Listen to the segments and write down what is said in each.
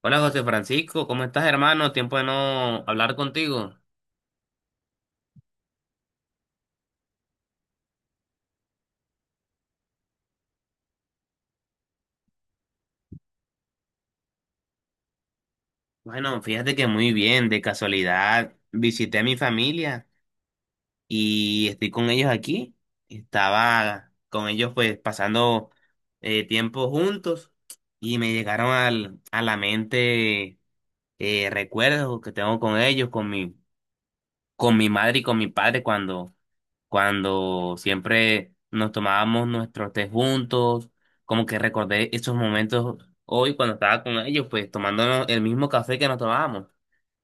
Hola José Francisco, ¿cómo estás hermano? Tiempo de no hablar contigo. Bueno, fíjate que muy bien, de casualidad visité a mi familia y estoy con ellos aquí. Estaba con ellos pues pasando tiempo juntos y me llegaron a la mente recuerdos que tengo con ellos, con mi madre y con mi padre cuando siempre nos tomábamos nuestros té juntos, como que recordé esos momentos hoy cuando estaba con ellos, pues tomándonos el mismo café que nos tomábamos.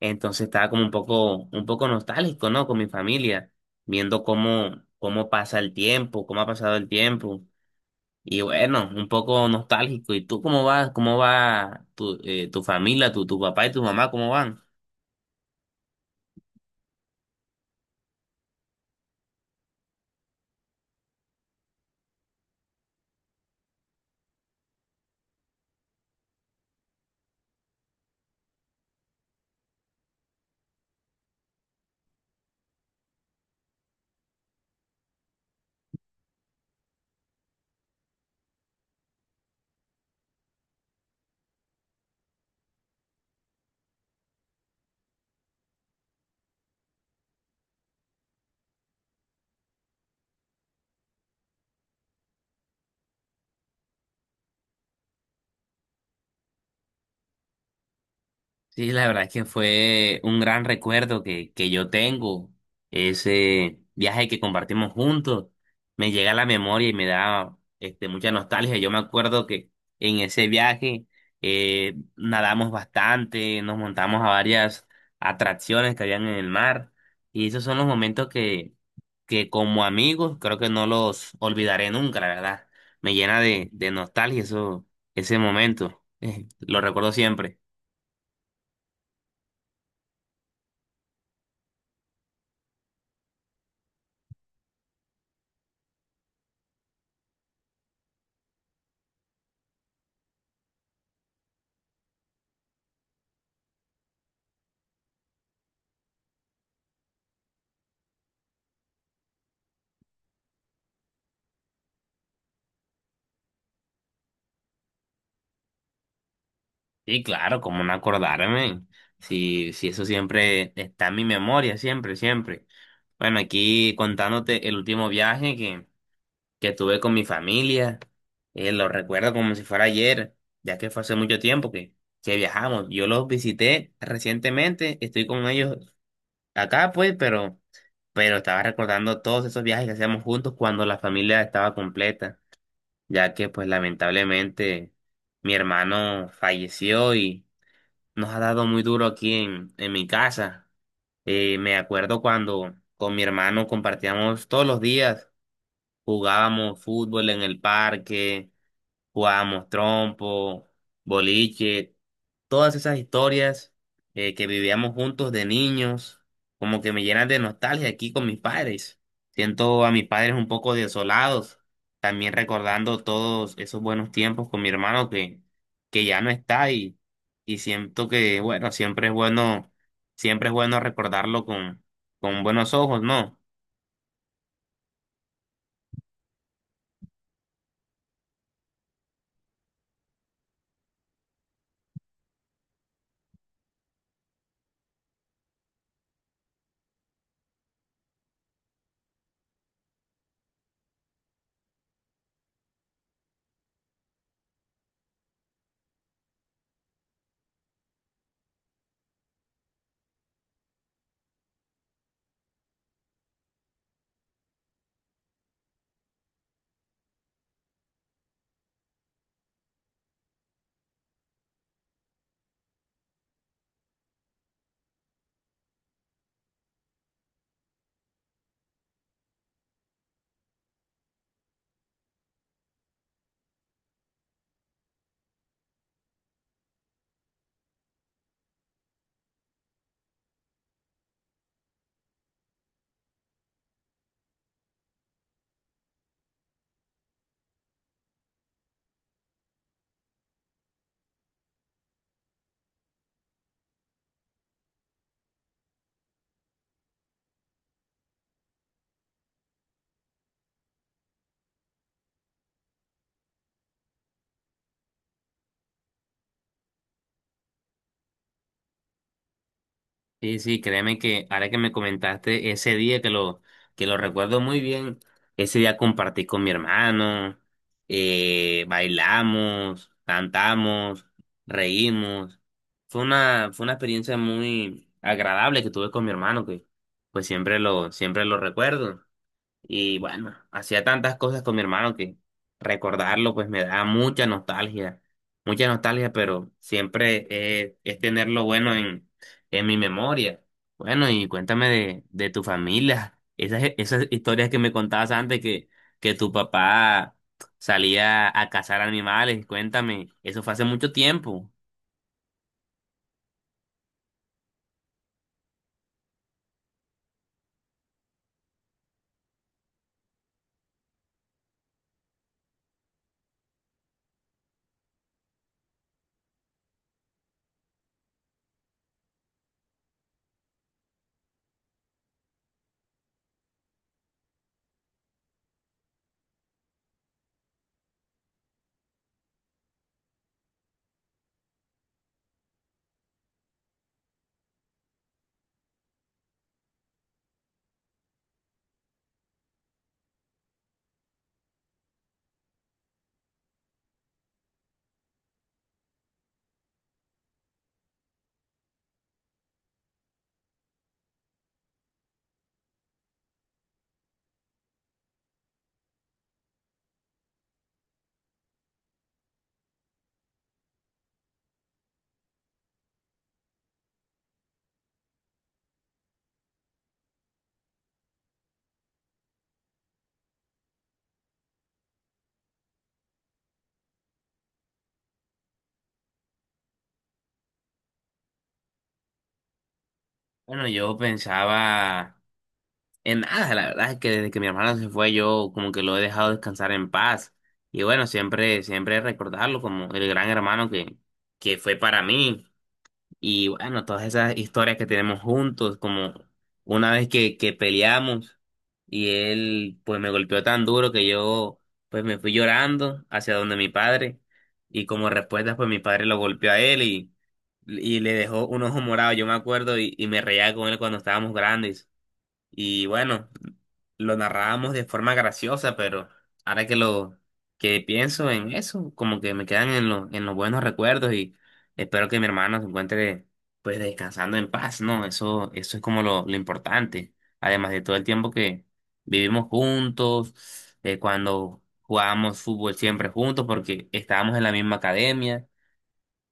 Entonces estaba como un poco nostálgico, ¿no? Con mi familia, viendo cómo, cómo pasa el tiempo, cómo ha pasado el tiempo. Y bueno, un poco nostálgico. ¿Y tú cómo vas? ¿Cómo va tu, tu familia, tu papá y tu mamá? ¿Cómo van? Sí, la verdad es que fue un gran recuerdo que yo tengo. Ese viaje que compartimos juntos me llega a la memoria y me da mucha nostalgia. Yo me acuerdo que en ese viaje nadamos bastante, nos montamos a varias atracciones que habían en el mar y esos son los momentos que como amigos creo que no los olvidaré nunca, la verdad. Me llena de nostalgia eso, ese momento. Lo recuerdo siempre. Sí, claro, como no acordarme. Sí, sí, eso siempre está en mi memoria, siempre, siempre. Bueno, aquí contándote el último viaje que tuve con mi familia, lo recuerdo como si fuera ayer, ya que fue hace mucho tiempo que viajamos. Yo los visité recientemente, estoy con ellos acá, pues, pero estaba recordando todos esos viajes que hacíamos juntos cuando la familia estaba completa, ya que, pues, lamentablemente mi hermano falleció, nos ha dado muy duro aquí en mi casa. Me acuerdo cuando con mi hermano compartíamos todos los días, jugábamos fútbol en el parque, jugábamos trompo, boliche, todas esas historias que vivíamos juntos de niños, como que me llenan de nostalgia aquí con mis padres. Siento a mis padres un poco desolados, también recordando todos esos buenos tiempos con mi hermano que ya no está y siento que, bueno, siempre es bueno, siempre es bueno recordarlo con buenos ojos, ¿no? Sí, sí, créeme que ahora que me comentaste ese día que lo recuerdo muy bien, ese día compartí con mi hermano, bailamos, cantamos, reímos. Fue una experiencia muy agradable que tuve con mi hermano, que pues siempre lo recuerdo. Y bueno, hacía tantas cosas con mi hermano que recordarlo pues me da mucha nostalgia, pero siempre es tenerlo bueno en mi memoria. Bueno, y cuéntame de tu familia, esas historias que me contabas antes que tu papá salía a cazar animales, cuéntame, eso fue hace mucho tiempo. Bueno, yo pensaba en nada, la verdad es que desde que mi hermano se fue yo como que lo he dejado descansar en paz. Y bueno, siempre, siempre recordarlo como el gran hermano que fue para mí. Y bueno, todas esas historias que tenemos juntos, como una vez que peleamos y él pues me golpeó tan duro que yo pues me fui llorando hacia donde mi padre. Y como respuesta pues mi padre lo golpeó a él y le dejó un ojo morado, yo me acuerdo, y me reía con él cuando estábamos grandes. Y bueno, lo narrábamos de forma graciosa, pero ahora que lo que pienso en eso, como que me quedan en los buenos recuerdos y espero que mi hermano se encuentre pues descansando en paz, ¿no? Eso es como lo importante. Además de todo el tiempo que vivimos juntos, cuando jugábamos fútbol siempre juntos porque estábamos en la misma academia.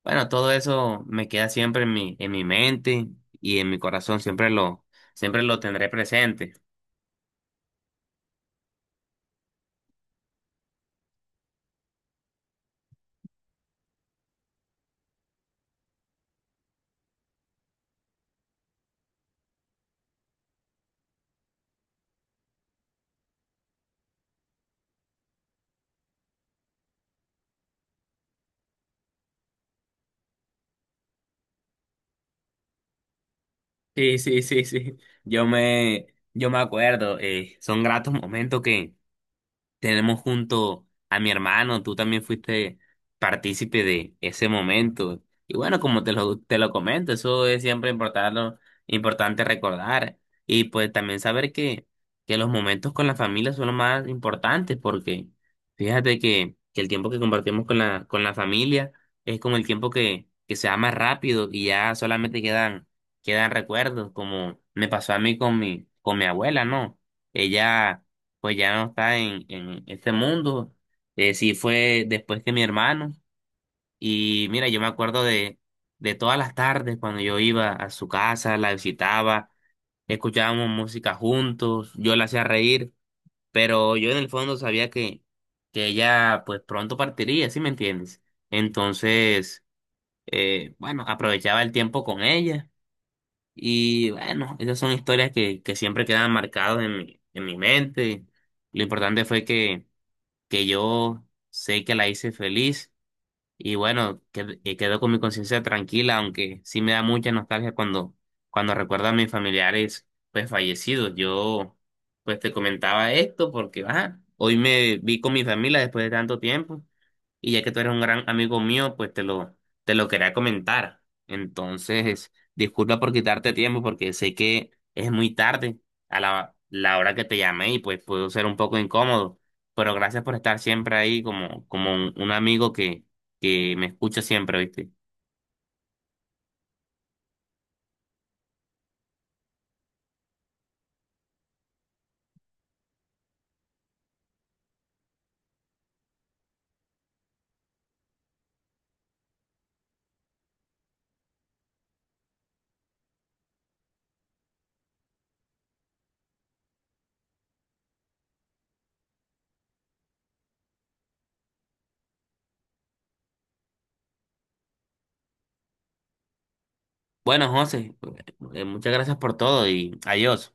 Bueno, todo eso me queda siempre en mi mente y en mi corazón, siempre lo tendré presente. Sí, sí, sí, sí. Yo me, yo me acuerdo, son gratos momentos que tenemos junto a mi hermano, tú también fuiste partícipe de ese momento. Y bueno, como te lo comento, eso es siempre importante, importante recordar. Y pues también saber que los momentos con la familia son los más importantes, porque fíjate que el tiempo que compartimos con la familia es como el tiempo que se va más rápido y ya solamente quedan, quedan recuerdos, como me pasó a mí con mi abuela, ¿no? Ella pues ya no está en este mundo. Sí fue después que mi hermano. Y mira, yo me acuerdo de todas las tardes cuando yo iba a su casa, la visitaba, escuchábamos música juntos, yo la hacía reír, pero yo en el fondo sabía que ella pues pronto partiría, ¿sí me entiendes? Entonces, bueno, aprovechaba el tiempo con ella. Y bueno, esas son historias que siempre quedan marcadas en mi mente. Lo importante fue que yo sé que la hice feliz. Y bueno, quedo con mi conciencia tranquila, aunque sí me da mucha nostalgia cuando, cuando recuerdo a mis familiares pues fallecidos. Yo pues te comentaba esto porque ajá, hoy me vi con mi familia después de tanto tiempo y ya que tú eres un gran amigo mío, pues te lo quería comentar. Entonces, disculpa por quitarte tiempo porque sé que es muy tarde a la hora que te llamé y pues puedo ser un poco incómodo, pero gracias por estar siempre ahí como, como un amigo que me escucha siempre, ¿viste? Bueno, José, muchas gracias por todo y adiós.